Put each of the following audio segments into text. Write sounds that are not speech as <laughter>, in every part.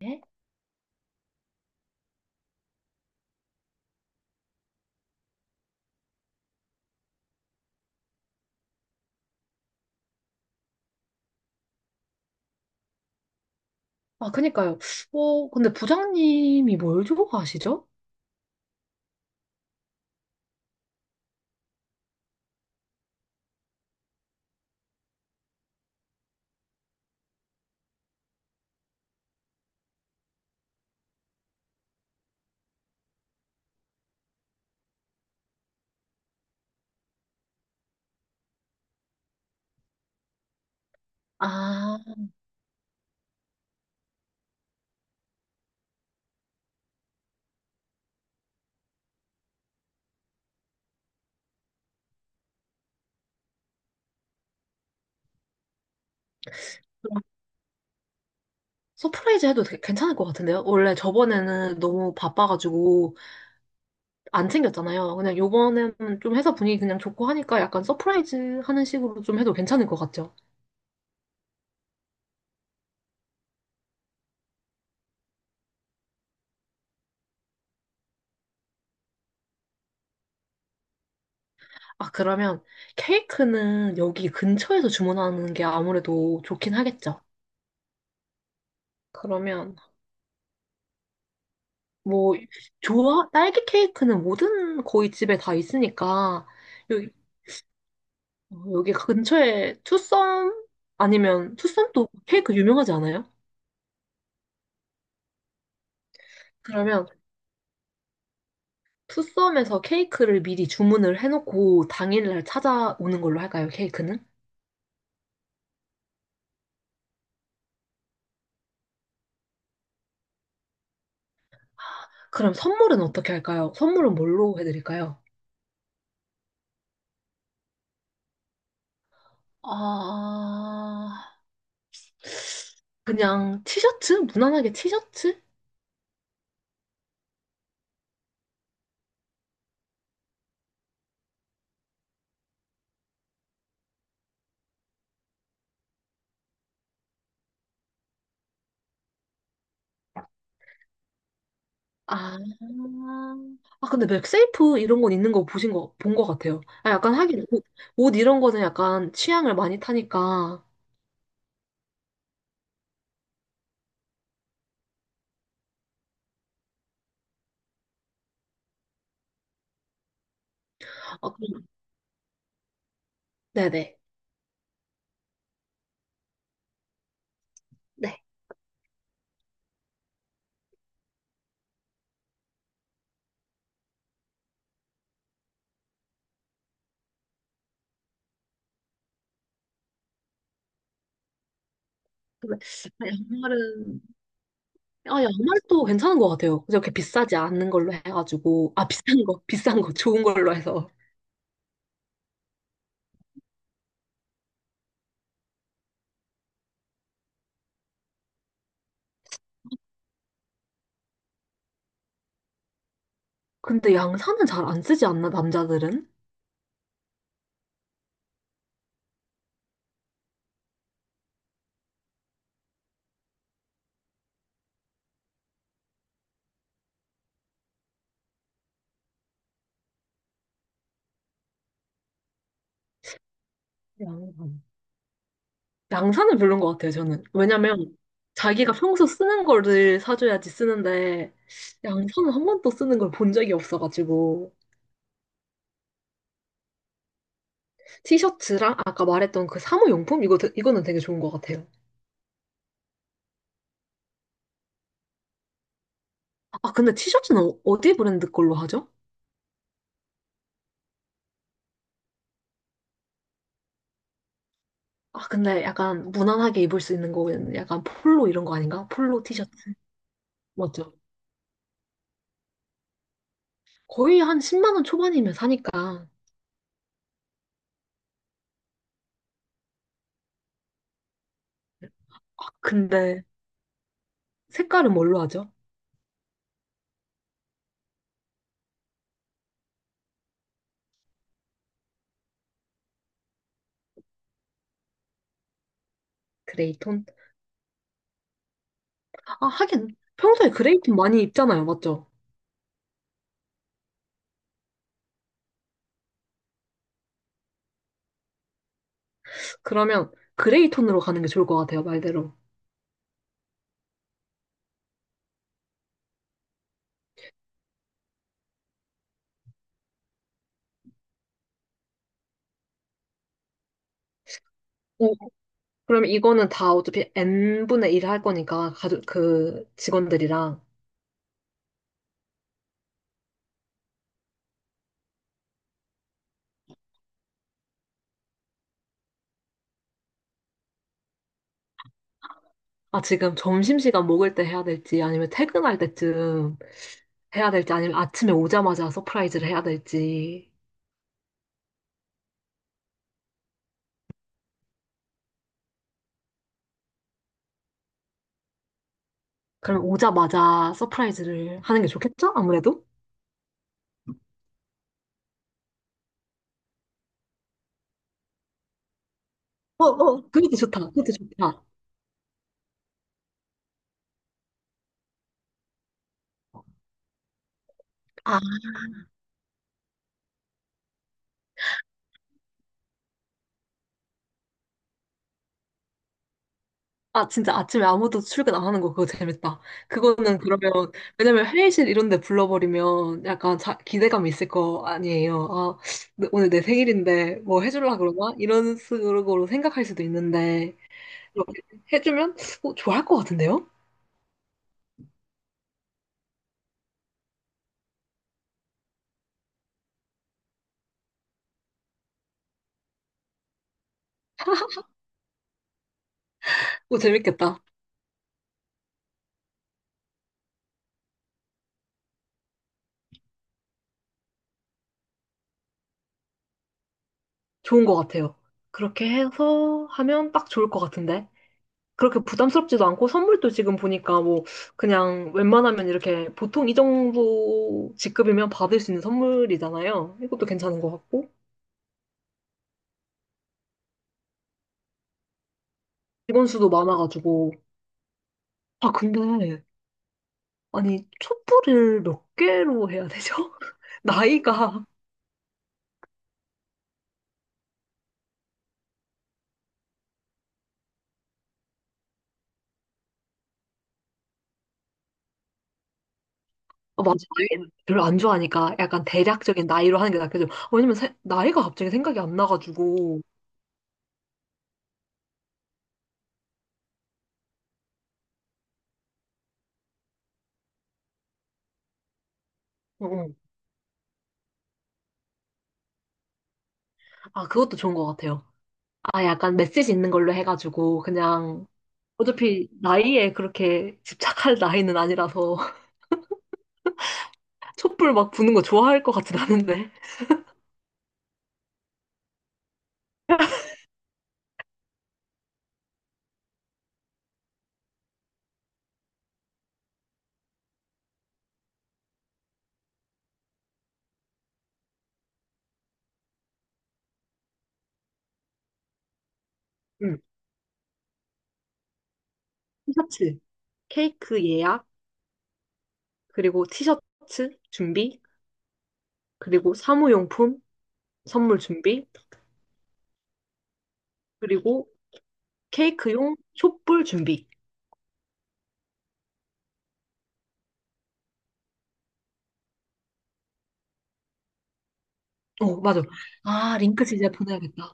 네? 아, 그니까요. 근데 부장님이 뭘 좋아하시죠? 아, 그럼 서프라이즈 해도 되게 괜찮을 것 같은데요? 원래 저번에는 너무 바빠가지고 안 챙겼잖아요. 그냥 요번에는 좀 회사 분위기 그냥 좋고 하니까 약간 서프라이즈 하는 식으로 좀 해도 괜찮을 것 같죠? 아, 그러면 케이크는 여기 근처에서 주문하는 게 아무래도 좋긴 하겠죠? 그러면 뭐, 좋아? 딸기 케이크는 모든 거의 집에 다 있으니까 여기 근처에 투썸 아니면 투썸도 케이크 유명하지 않아요? 그러면 투썸에서 케이크를 미리 주문을 해놓고 당일날 찾아오는 걸로 할까요? 케이크는? 그럼 선물은 어떻게 할까요? 선물은 뭘로 해드릴까요? 아, 그냥 티셔츠? 무난하게 티셔츠? 아, 아 근데 맥세이프 이런 건 있는 거 보신 거, 본 거 같아요. 아, 약간 하긴 옷, 옷 이런 거는 약간 취향을 많이 타니까. 아, 그럼, 네네. 네. 근데 아, 양말은 아 양말도 괜찮은 것 같아요. 그렇게 비싸지 않은 걸로 해가지고 아 비싼 거 <laughs> 비싼 거 좋은 걸로 해서. 근데 양산은 잘 안 쓰지 않나 남자들은? 양산. 양산은 별론 것 같아요 저는. 왜냐면 자기가 평소 쓰는 거를 사줘야지 쓰는데 양산은 한 번도 쓰는 걸 본 적이 없어가지고 티셔츠랑 아까 말했던 그 사무용품 이거 이거는 되게 좋은 것 같아요. 아 근데 티셔츠는 어디 브랜드 걸로 하죠? 아, 근데 약간 무난하게 입을 수 있는 거는 약간 폴로 이런 거 아닌가? 폴로 티셔츠. 맞죠? 거의 한 10만 원 초반이면 사니까. 아, 근데 색깔은 뭘로 하죠? 그레이 톤? 아, 하긴 평소에 그레이 톤 많이 입잖아요. 맞죠? 그러면 그레이 톤으로 가는 게 좋을 것 같아요. 말대로. 오 그러면 이거는 다 어차피 N분의 1 할 거니까 가족 그 직원들이랑 아, 지금 점심시간 먹을 때 해야 될지, 아니면 퇴근할 때쯤 해야 될지, 아니면 아침에 오자마자 서프라이즈를 해야 될지. 그럼 오자마자 서프라이즈를 하는 게 좋겠죠? 아무래도? 어, 어. 그것도 좋다. 그것도 좋다. 아, 아, 진짜 아침에 아무도 출근 안 하는 거 그거 재밌다. 그거는 그러면, 왜냐면 회의실 이런 데 불러버리면 약간 자, 기대감이 있을 거 아니에요. 아, 오늘 내 생일인데 뭐 해주려고 그러나? 이런 식으로 생각할 수도 있는데. 이렇게 해주면 좋아할 것 같은데요? 어, 재밌겠다. 좋은 것 같아요. 그렇게 해서 하면 딱 좋을 것 같은데. 그렇게 부담스럽지도 않고 선물도 지금 보니까 뭐 그냥 웬만하면 이렇게 보통 이 정도 직급이면 받을 수 있는 선물이잖아요. 이것도 괜찮은 것 같고. 직원 수도 많아가지고. 아, 근데 아니 촛불을 몇 개로 해야 되죠? <laughs> 나이가 어, 맞아. 나이 별로 안 좋아하니까 약간 대략적인 나이로 하는 게 낫겠죠. 왜냐면 나이가 갑자기 생각이 안 나가지고. 어, 어. 아, 그것도 좋은 것 같아요. 아, 약간 메시지 있는 걸로 해가지고 그냥 어차피 나이에 그렇게 집착할 나이는 아니라서 <laughs> 촛불 막 부는 거 좋아할 것 같진 않은데. 응. 티셔츠, 케이크 예약, 그리고 티셔츠 준비, 그리고 사무용품 선물 준비, 그리고 케이크용 촛불 준비. 어, 맞아. 아, 링크 진짜 보내야겠다.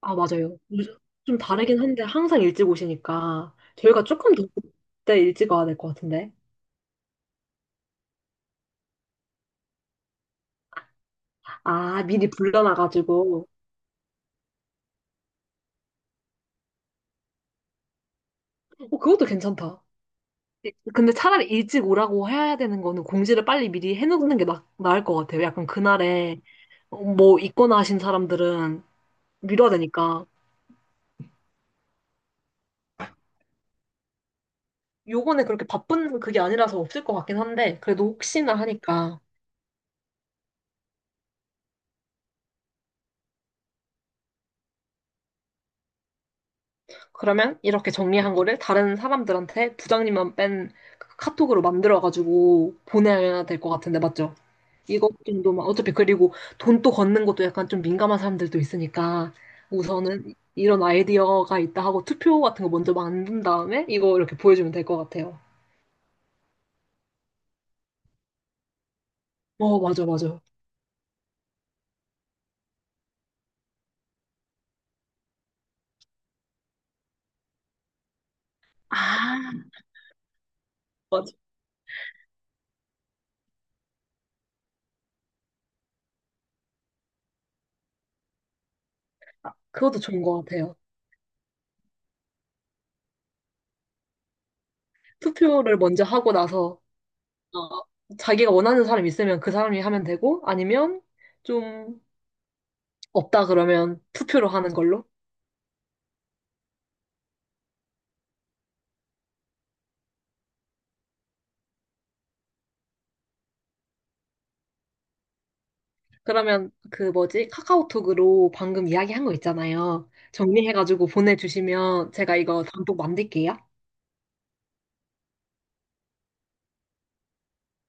아, 맞아요. 요즘 좀 다르긴 한데 항상 일찍 오시니까 저희가 조금 더 그때 일찍 와야 될 것 같은데. 아, 미리 불러놔가지고. 어, 그것도 괜찮다. 근데 차라리 일찍 오라고 해야 되는 거는 공지를 빨리 미리 해놓는 게 나을 것 같아요. 약간 그날에 어, 뭐 있거나 하신 사람들은 미뤄야 되니까. 요번에 그렇게 바쁜 그게 아니라서 없을 것 같긴 한데 그래도 혹시나 하니까. 그러면 이렇게 정리한 거를 다른 사람들한테 부장님만 뺀그 카톡으로 만들어가지고 보내야 될 것 같은데, 맞죠? 이것 정도만, 어차피 그리고 돈 또 걷는 것도 약간 좀 민감한 사람들도 있으니까 우선은 이런 아이디어가 있다 하고 투표 같은 거 먼저 만든 다음에 이거 이렇게 보여주면 될 것 같아요. 어, 맞아, 맞아. 아, 맞아. 그것도 좋은 것 같아요. 투표를 먼저 하고 나서 어, 자기가 원하는 사람 이 있으면 그 사람이 하면 되고 아니면 좀... 없다 그러면 투표로 하는 걸로? 그러면 그 뭐지? 카카오톡으로 방금 이야기한 거 있잖아요. 정리해가지고 보내주시면 제가 이거 단독 만들게요.